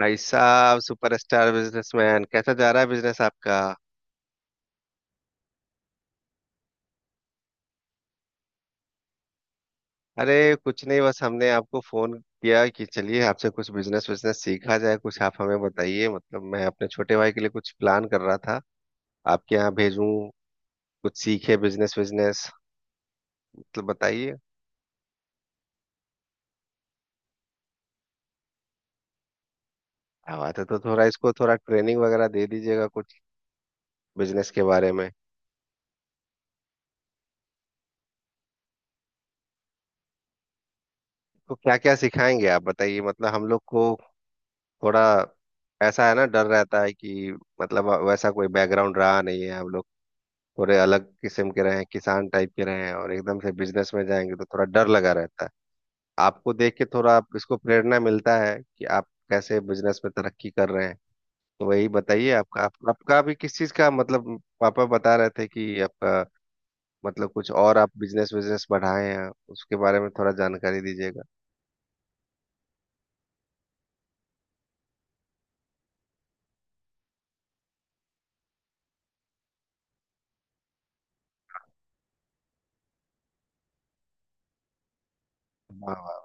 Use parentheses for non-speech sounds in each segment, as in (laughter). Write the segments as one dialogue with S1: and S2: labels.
S1: भाई साहब superstar businessman, कैसा जा रहा है बिजनेस आपका। अरे कुछ नहीं, बस हमने आपको फोन किया कि चलिए आपसे कुछ बिजनेस बिजनेस सीखा जाए। कुछ आप हमें बताइए। मतलब मैं अपने छोटे भाई के लिए कुछ प्लान कर रहा था, आपके यहाँ भेजूं। कुछ सीखे बिजनेस बिजनेस। मतलब बताइए। क्या बात है। तो थोड़ा इसको थोड़ा ट्रेनिंग वगैरह दे दीजिएगा कुछ बिजनेस के बारे में। तो क्या क्या सिखाएंगे आप बताइए, मतलब हम लोग को। थोड़ा ऐसा है ना, डर रहता है कि मतलब वैसा कोई बैकग्राउंड रहा नहीं है हम लोग। थोड़े अलग किस्म के रहे हैं, किसान टाइप के रहे हैं, और एकदम से बिजनेस में जाएंगे तो थोड़ा डर लगा रहता है। आपको देख के थोड़ा आप इसको प्रेरणा मिलता है कि आप कैसे बिजनेस में तरक्की कर रहे हैं। तो वही बताइए आपका आपका भी किस चीज का। मतलब पापा बता रहे थे कि आपका मतलब कुछ और आप बिजनेस बिजनेस बढ़ाए हैं, उसके बारे में थोड़ा जानकारी दीजिएगा। हाँ हाँ,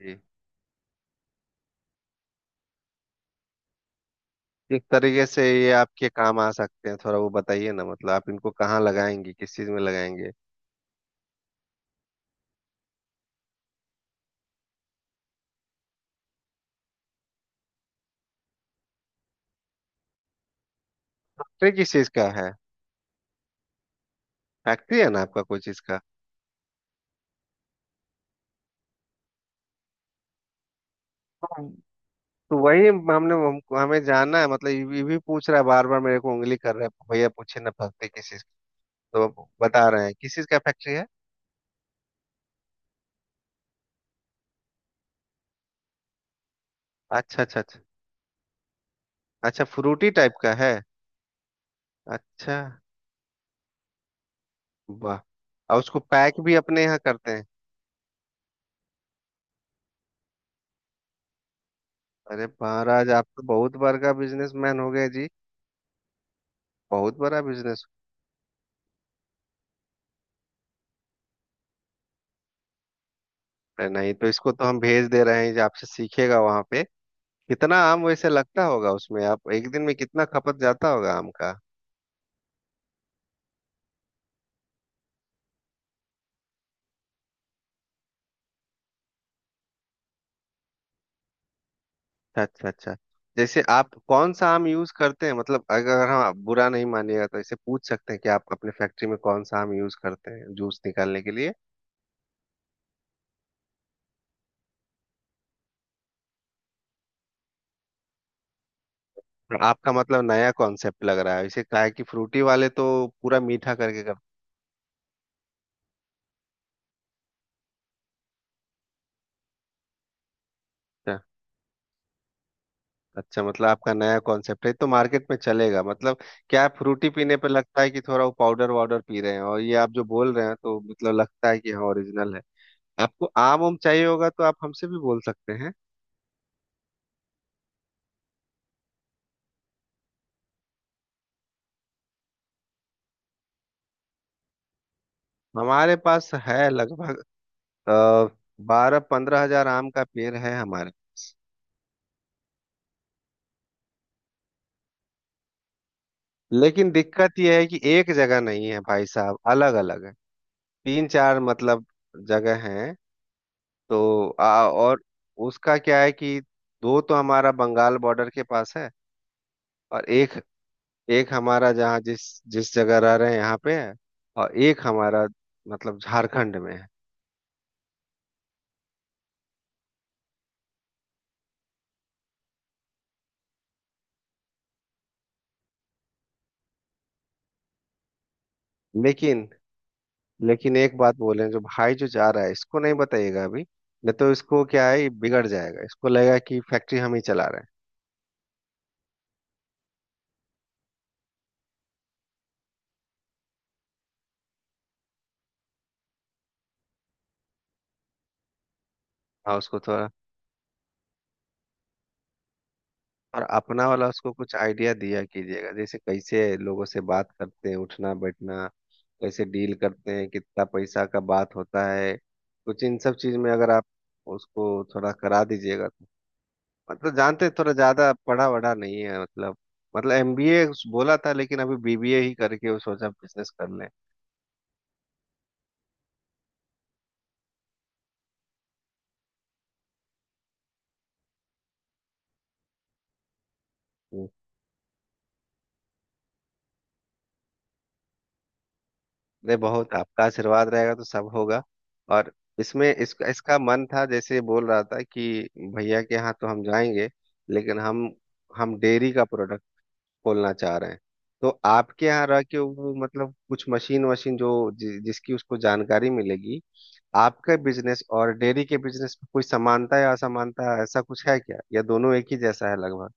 S1: जी। किस तरीके से ये आपके काम आ सकते हैं, थोड़ा वो बताइए ना। मतलब आप इनको कहाँ लगाएंगे, किस चीज में लगाएंगे। फैक्ट्री किस चीज का है। फैक्ट्री है ना आपका कोई चीज का। तो वही हमने हमको हमें जानना है। मतलब ये भी पूछ रहा है बार बार, मेरे को उंगली कर रहा है, भैया पूछे ना फैक्ट्री किस चीज की? तो अब बता रहे हैं किस चीज का फैक्ट्री है। अच्छा अच्छा अच्छा। अच्छा, फ्रूटी टाइप का है। अच्छा। वाह। और उसको पैक भी अपने यहाँ करते हैं। अरे महाराज, आप तो बहुत बड़ा बिजनेसमैन हो गए जी। बहुत बड़ा बिजनेस। नहीं तो इसको तो हम भेज दे रहे हैं, जो आपसे सीखेगा वहां पे। कितना आम वैसे लगता होगा उसमें, आप एक दिन में कितना खपत जाता होगा आम का। अच्छा अच्छा। जैसे आप कौन सा आम यूज करते हैं, मतलब अगर हम, आप बुरा नहीं मानिएगा तो ऐसे पूछ सकते हैं कि आप अपने फैक्ट्री में कौन सा आम यूज करते हैं जूस निकालने के लिए। आपका मतलब नया कॉन्सेप्ट लग रहा है। इसे कहा है कि फ्रूटी वाले तो पूरा मीठा करके करते हैं। अच्छा, मतलब आपका नया कॉन्सेप्ट है तो मार्केट में चलेगा मतलब। क्या, फ्रूटी पीने पे लगता है कि थोड़ा वो पाउडर वाउडर पी रहे हैं, और ये आप जो बोल रहे हैं तो मतलब लगता है कि हाँ, ओरिजिनल है। आपको आम उम चाहिए होगा तो आप हमसे भी बोल सकते हैं। हमारे पास है लगभग 12-15 हज़ार आम का पेड़ है हमारे। लेकिन दिक्कत यह है कि एक जगह नहीं है भाई साहब, अलग अलग है। तीन चार मतलब जगह हैं। तो और उसका क्या है कि दो तो हमारा बंगाल बॉर्डर के पास है, और एक एक हमारा जहाँ जिस जिस जगह रह रहे हैं यहाँ पे है। और एक हमारा मतलब झारखंड में है। लेकिन लेकिन एक बात बोले, जो भाई जो जा रहा है इसको नहीं बताइएगा अभी। नहीं तो इसको क्या है, ये बिगड़ जाएगा, इसको लगेगा कि फैक्ट्री हम ही चला रहे हैं। हाँ उसको थोड़ा, और अपना वाला उसको कुछ आइडिया दिया कीजिएगा, जैसे कैसे लोगों से बात करते हैं, उठना बैठना, कैसे डील करते हैं, कितना पैसा का बात होता है। कुछ इन सब चीज में अगर आप उसको थोड़ा करा दीजिएगा तो मतलब, जानते हैं, थोड़ा ज्यादा पढ़ा वढ़ा नहीं है मतलब। मतलब एमबीए बोला था लेकिन अभी बीबीए ही करके वो सोचा बिजनेस कर लें। नहीं, बहुत आपका आशीर्वाद रहेगा तो सब होगा। और इसमें इसका इसका मन था, जैसे बोल रहा था कि भैया के यहाँ तो हम जाएंगे लेकिन हम डेयरी का प्रोडक्ट खोलना चाह रहे हैं। तो आपके यहाँ रह के वो मतलब कुछ मशीन वशीन जो जिसकी उसको जानकारी मिलेगी। आपका बिजनेस और डेयरी के बिजनेस में कोई समानता या असमानता, ऐसा कुछ है क्या, या दोनों एक ही जैसा है लगभग?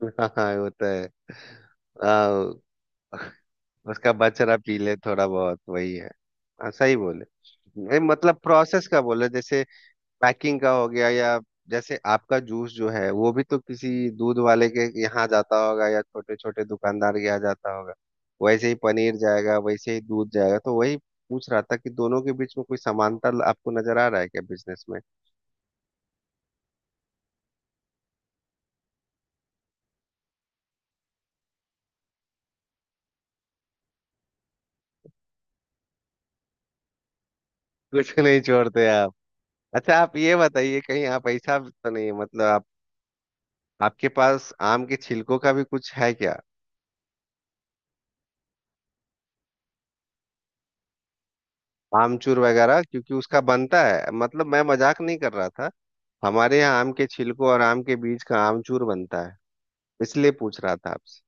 S1: (laughs) हाँ वो तो है। आओ। उसका बचड़ा पी ले थोड़ा बहुत, वही है। हाँ, सही बोले। नहीं, मतलब प्रोसेस का बोले, जैसे पैकिंग का हो गया, या जैसे आपका जूस जो है वो भी तो किसी दूध वाले के यहाँ जाता होगा, या छोटे छोटे दुकानदार के यहाँ जाता होगा। वैसे ही पनीर जाएगा, वैसे ही दूध जाएगा। तो वही पूछ रहा था कि दोनों के बीच में कोई समानता आपको नजर आ रहा है क्या बिजनेस में? (laughs) कुछ नहीं छोड़ते आप। अच्छा, आप ये बताइए, कहीं आप ऐसा तो नहीं है, मतलब आप, आपके पास आम के छिलकों का भी कुछ है क्या? आमचूर वगैरह, क्योंकि उसका बनता है, मतलब मैं मजाक नहीं कर रहा था। हमारे यहाँ आम के छिलकों और आम के बीज का आमचूर बनता है, इसलिए पूछ रहा था आपसे।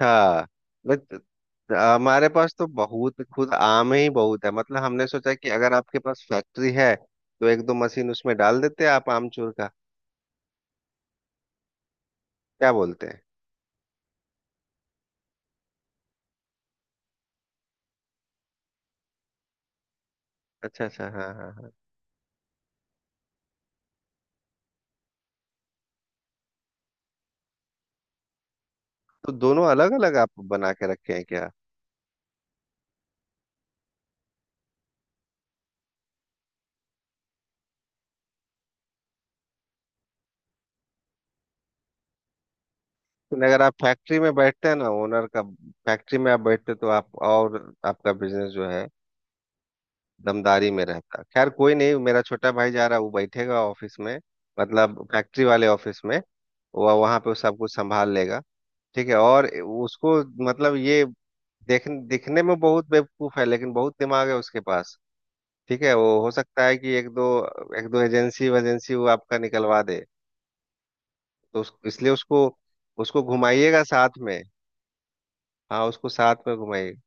S1: हाँ। बट हमारे पास तो बहुत खुद आम ही बहुत है। मतलब हमने सोचा कि अगर आपके पास फैक्ट्री है तो एक दो मशीन उसमें डाल देते हैं आप आमचूर का, क्या बोलते हैं। अच्छा अच्छा, हाँ हाँ हाँ। तो दोनों अलग अलग आप बना के रखे हैं क्या? लेकिन अगर आप फैक्ट्री में बैठते हैं ना, ओनर का, फैक्ट्री में आप बैठते तो आप और आपका बिजनेस जो है दमदारी में रहता। खैर कोई नहीं, मेरा छोटा भाई जा रहा है, वो बैठेगा ऑफिस में, मतलब फैक्ट्री वाले ऑफिस में। वह वहां पे सब कुछ संभाल लेगा। ठीक है और उसको मतलब ये, देख, दिखने में बहुत बेवकूफ है लेकिन बहुत दिमाग है उसके पास। ठीक है, वो हो सकता है कि एक दो एजेंसी वेजेंसी वो आपका निकलवा दे। तो इसलिए उसको, उसको घुमाइएगा साथ में। हाँ उसको साथ में घुमाइएगा।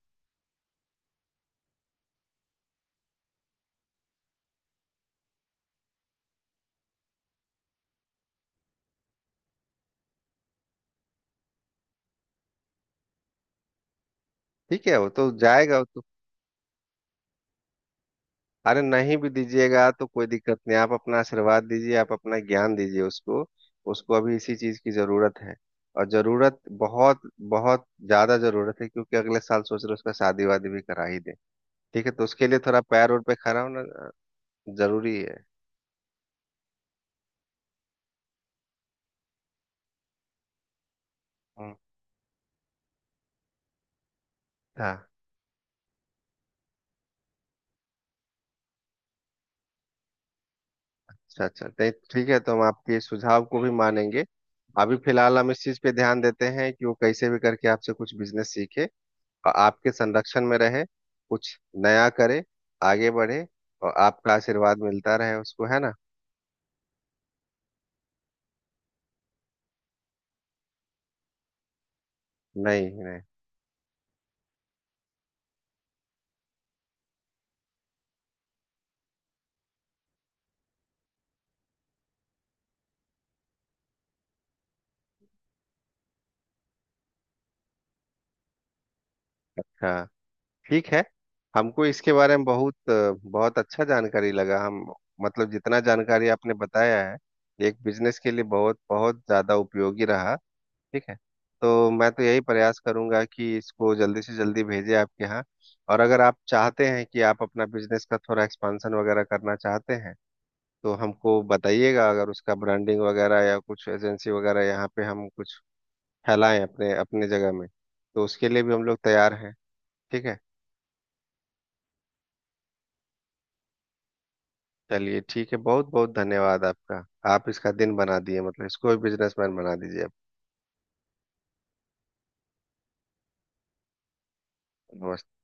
S1: ठीक है वो तो जाएगा। अरे नहीं भी दीजिएगा तो कोई दिक्कत नहीं, आप अपना आशीर्वाद दीजिए, आप अपना ज्ञान दीजिए उसको। उसको अभी इसी चीज की जरूरत है। और जरूरत, बहुत बहुत ज्यादा जरूरत है, क्योंकि अगले साल सोच रहे उसका शादी वादी भी करा ही दे। ठीक है, तो उसके लिए थोड़ा पैर रोड पे खड़ा होना जरूरी है। हाँ हाँ। अच्छा अच्छा, नहीं, ठीक है, तो हम आपके इस सुझाव को भी मानेंगे। अभी फिलहाल हम इस चीज पे ध्यान देते हैं कि वो कैसे भी करके आपसे कुछ बिजनेस सीखे और आपके संरक्षण में रहे, कुछ नया करे, आगे बढ़े, और आपका आशीर्वाद मिलता रहे उसको, है ना। नहीं नहीं। अच्छा, ठीक है। हमको इसके बारे में बहुत बहुत अच्छा जानकारी लगा। हम मतलब जितना जानकारी आपने बताया है, एक बिजनेस के लिए बहुत बहुत ज़्यादा उपयोगी रहा। ठीक है, तो मैं तो यही प्रयास करूंगा कि इसको जल्दी से जल्दी भेजे आपके यहाँ। और अगर आप चाहते हैं कि आप अपना बिजनेस का थोड़ा एक्सपांशन वगैरह करना चाहते हैं तो हमको बताइएगा, अगर उसका ब्रांडिंग वगैरह या कुछ एजेंसी वगैरह यहाँ पे हम कुछ फैलाएं अपने अपने जगह में, तो उसके लिए भी हम लोग तैयार हैं। ठीक है। चलिए ठीक है, बहुत बहुत धन्यवाद आपका। आप इसका दिन बना दिए, मतलब इसको भी बिजनेसमैन बना दीजिए आप। नमस्ते।